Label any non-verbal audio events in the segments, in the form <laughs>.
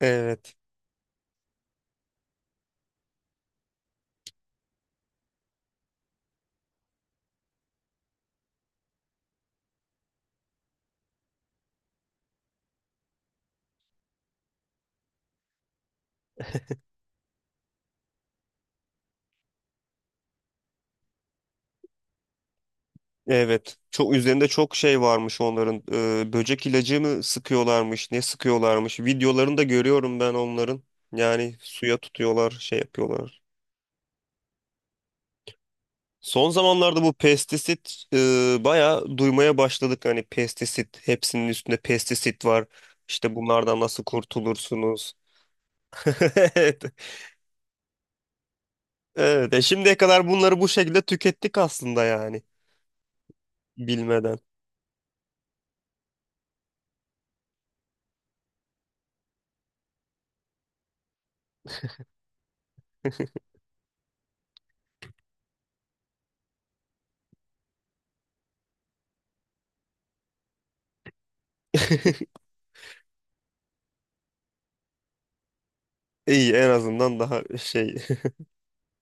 Evet. Evet. Çok üzerinde çok şey varmış onların. Böcek ilacı mı sıkıyorlarmış, ne sıkıyorlarmış. Videolarını da görüyorum ben onların. Yani suya tutuyorlar, şey yapıyorlar. Son zamanlarda bu pestisit bayağı duymaya başladık. Hani pestisit, hepsinin üstünde pestisit var. İşte bunlardan nasıl kurtulursunuz? <laughs> Evet. Evet. E şimdiye kadar bunları bu şekilde tükettik aslında yani bilmeden. İyi en azından daha şey.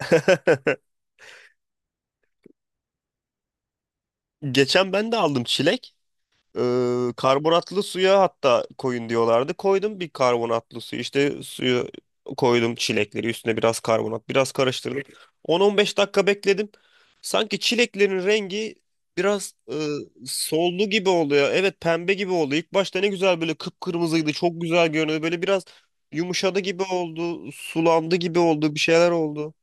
<laughs> Geçen ben de aldım çilek. Ee, Karbonatlı suya hatta koyun diyorlardı. Koydum bir karbonatlı suyu. İşte suyu koydum çilekleri üstüne biraz karbonat biraz karıştırdım. 10-15 dakika bekledim. Sanki çileklerin rengi biraz soldu gibi oluyor. Evet pembe gibi oldu. İlk başta ne güzel böyle kıpkırmızıydı. Çok güzel görünüyordu. Böyle biraz yumuşadı gibi oldu. Sulandı gibi oldu. Bir şeyler oldu.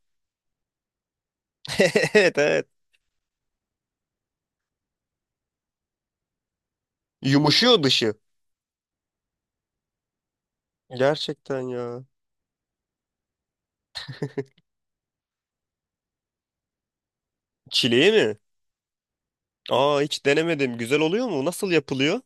<laughs> Evet, evet. Yumuşuyor dışı. Gerçekten ya. Çileği mi? Aa, hiç denemedim. Güzel oluyor mu? Nasıl yapılıyor?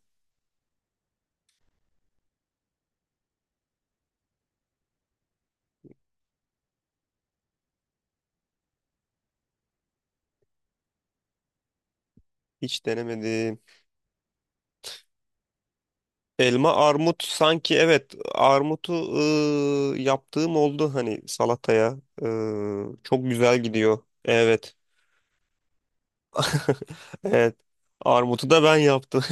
Hiç denemedim. Elma, armut sanki evet armutu yaptığım oldu hani salataya. Çok güzel gidiyor. Evet. <laughs> Evet. Armutu da ben yaptım.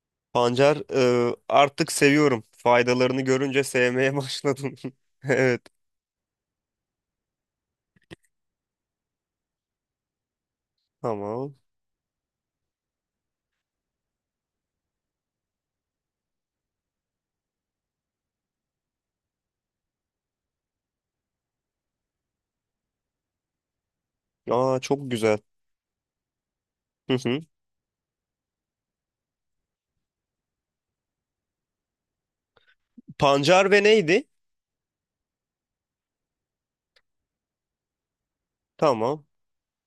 <laughs> Pancar artık seviyorum. Faydalarını görünce sevmeye başladım. <laughs> Evet. Tamam. Aa, çok güzel. Hı hı. Pancar ve neydi? Tamam.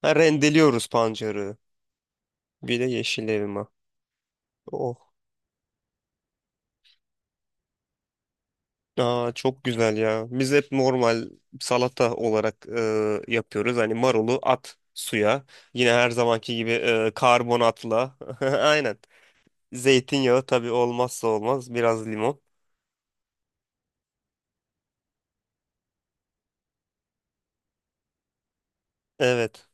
Ha, rendeliyoruz pancarı. Bir de yeşil elma. Oh. Aa, çok güzel ya. Biz hep normal salata olarak yapıyoruz. Hani marulu at suya. Yine her zamanki gibi karbonatla. <laughs> Aynen. Zeytinyağı tabii olmazsa olmaz. Biraz limon. Evet.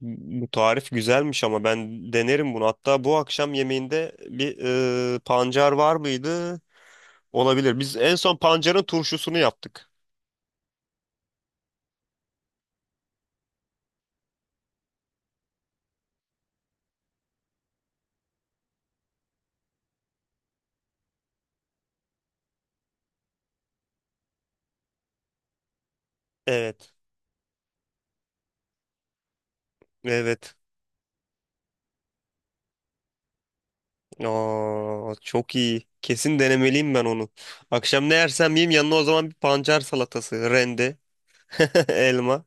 Bu tarif güzelmiş ama ben denerim bunu. Hatta bu akşam yemeğinde bir pancar var mıydı? Olabilir. Biz en son pancarın turşusunu yaptık. Evet. Evet. Aa, çok iyi. Kesin denemeliyim ben onu. Akşam ne yersem yiyeyim yanına o zaman bir pancar salatası, rende, <laughs> elma.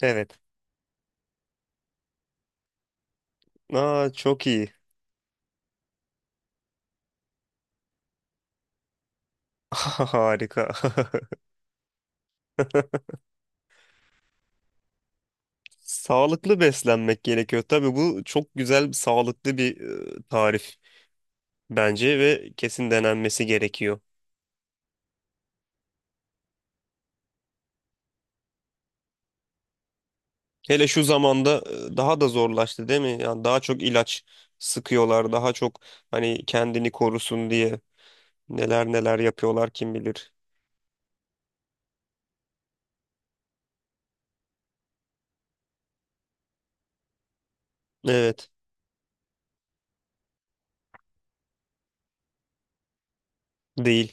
Evet. Aa, çok iyi. <laughs> Harika. <laughs> Sağlıklı beslenmek gerekiyor. Tabii bu çok güzel, sağlıklı bir tarif bence ve kesin denenmesi gerekiyor. Hele şu zamanda daha da zorlaştı değil mi? Yani daha çok ilaç sıkıyorlar, daha çok hani kendini korusun diye neler neler yapıyorlar kim bilir. Evet. Değil.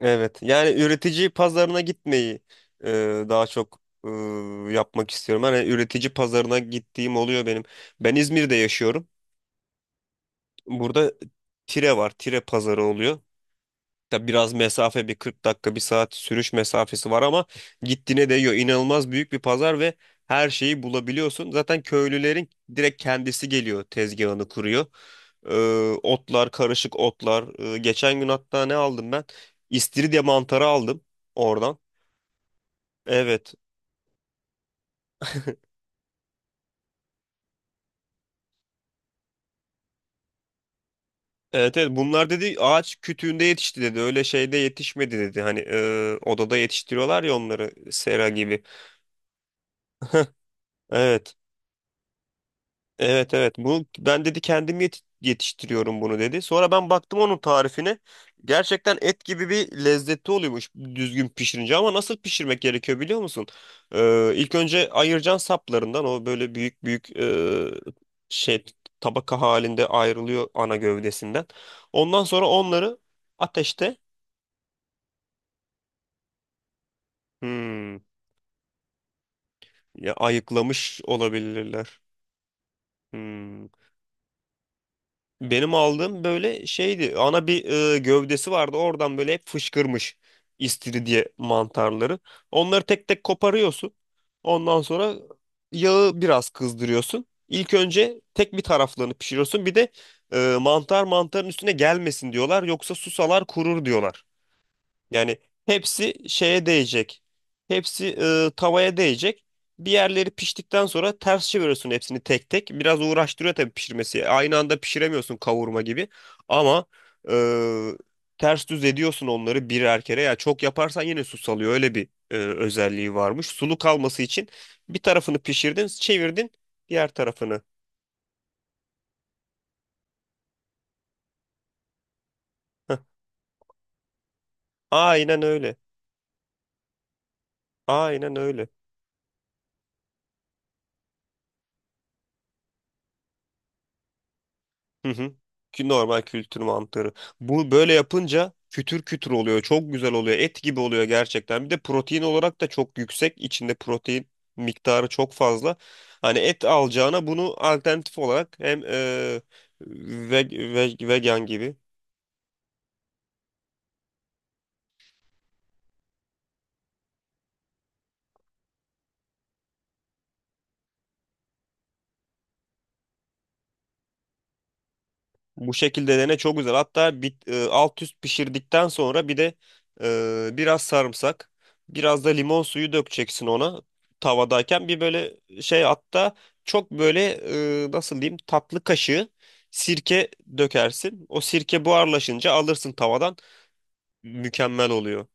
Evet. Yani üretici pazarına gitmeyi daha çok yapmak istiyorum. Hani üretici pazarına gittiğim oluyor benim. Ben İzmir'de yaşıyorum. Burada Tire var. Tire pazarı oluyor. Da biraz mesafe bir 40 dakika bir saat sürüş mesafesi var ama gittiğine değiyor. İnanılmaz büyük bir pazar ve her şeyi bulabiliyorsun. Zaten köylülerin direkt kendisi geliyor tezgahını kuruyor. Ee, Otlar karışık otlar. Geçen gün hatta ne aldım ben? İstiridye mantarı aldım oradan. Evet. Evet, evet, bunlar dedi ağaç kütüğünde yetişti dedi öyle şeyde yetişmedi dedi hani odada yetiştiriyorlar ya onları sera gibi. Evet. Evet, evet, bu ben dedi kendim yetiştiriyorum bunu dedi. Sonra ben baktım onun tarifine. Gerçekten et gibi bir lezzeti oluyormuş düzgün pişirince ama nasıl pişirmek gerekiyor biliyor musun? İlk önce ayıracaksın saplarından o böyle büyük büyük şey tabaka halinde ayrılıyor ana gövdesinden. Ondan sonra onları ateşte hmm, ya ayıklamış olabilirler. Hmm. Benim aldığım böyle şeydi. Ana bir gövdesi vardı. Oradan böyle hep fışkırmış istiridye mantarları. Onları tek tek koparıyorsun. Ondan sonra yağı biraz kızdırıyorsun. İlk önce tek bir taraflarını pişiriyorsun. Bir de mantar mantarın üstüne gelmesin diyorlar. Yoksa susalar kurur diyorlar. Yani hepsi şeye değecek. Hepsi tavaya değecek. Bir yerleri piştikten sonra ters çeviriyorsun hepsini tek tek. Biraz uğraştırıyor tabii pişirmesi. Aynı anda pişiremiyorsun kavurma gibi. Ama e, ters düz ediyorsun onları birer kere. Ya çok yaparsan yine su salıyor. Öyle bir özelliği varmış. Sulu kalması için bir tarafını pişirdin, çevirdin diğer tarafını. Heh. Aynen öyle. Aynen öyle. Hı hı. Ki normal kültür mantarı. Bu böyle yapınca kütür kütür oluyor. Çok güzel oluyor. Et gibi oluyor gerçekten. Bir de protein olarak da çok yüksek. İçinde protein miktarı çok fazla. Hani et alacağına bunu alternatif olarak hem vegan gibi. Bu şekilde dene çok güzel. Hatta alt üst pişirdikten sonra bir de biraz sarımsak, biraz da limon suyu dökeceksin ona tavadayken. Bir böyle şey hatta çok böyle nasıl diyeyim tatlı kaşığı sirke dökersin. O sirke buharlaşınca alırsın tavadan. Mükemmel oluyor.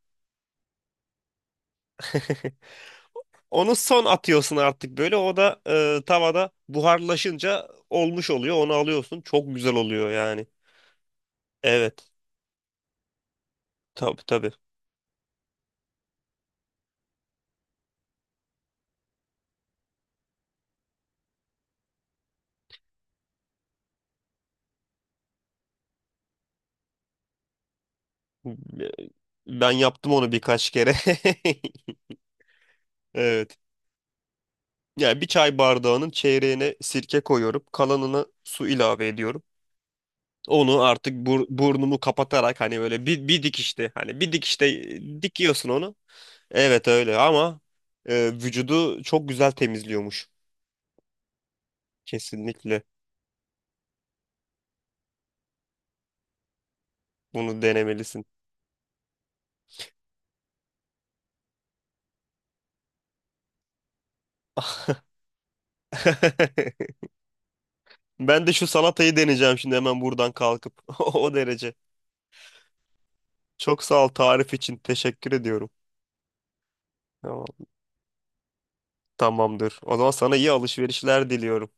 <laughs> Onu son atıyorsun artık böyle. O da tavada buharlaşınca olmuş oluyor. Onu alıyorsun. Çok güzel oluyor yani. Evet. Tabii, tabii. Ben yaptım onu birkaç kere. <laughs> Evet. Yani bir çay bardağının çeyreğine sirke koyuyorum. Kalanına su ilave ediyorum. Onu artık burnumu kapatarak hani böyle bir dikişte hani bir dikişte dikiyorsun onu. Evet öyle ama vücudu çok güzel temizliyormuş. Kesinlikle bunu denemelisin. <laughs> Ben de şu salatayı deneyeceğim şimdi hemen buradan kalkıp. <laughs> O derece. Çok sağ ol tarif için. Teşekkür ediyorum. Tamam. Tamamdır. O zaman sana iyi alışverişler diliyorum.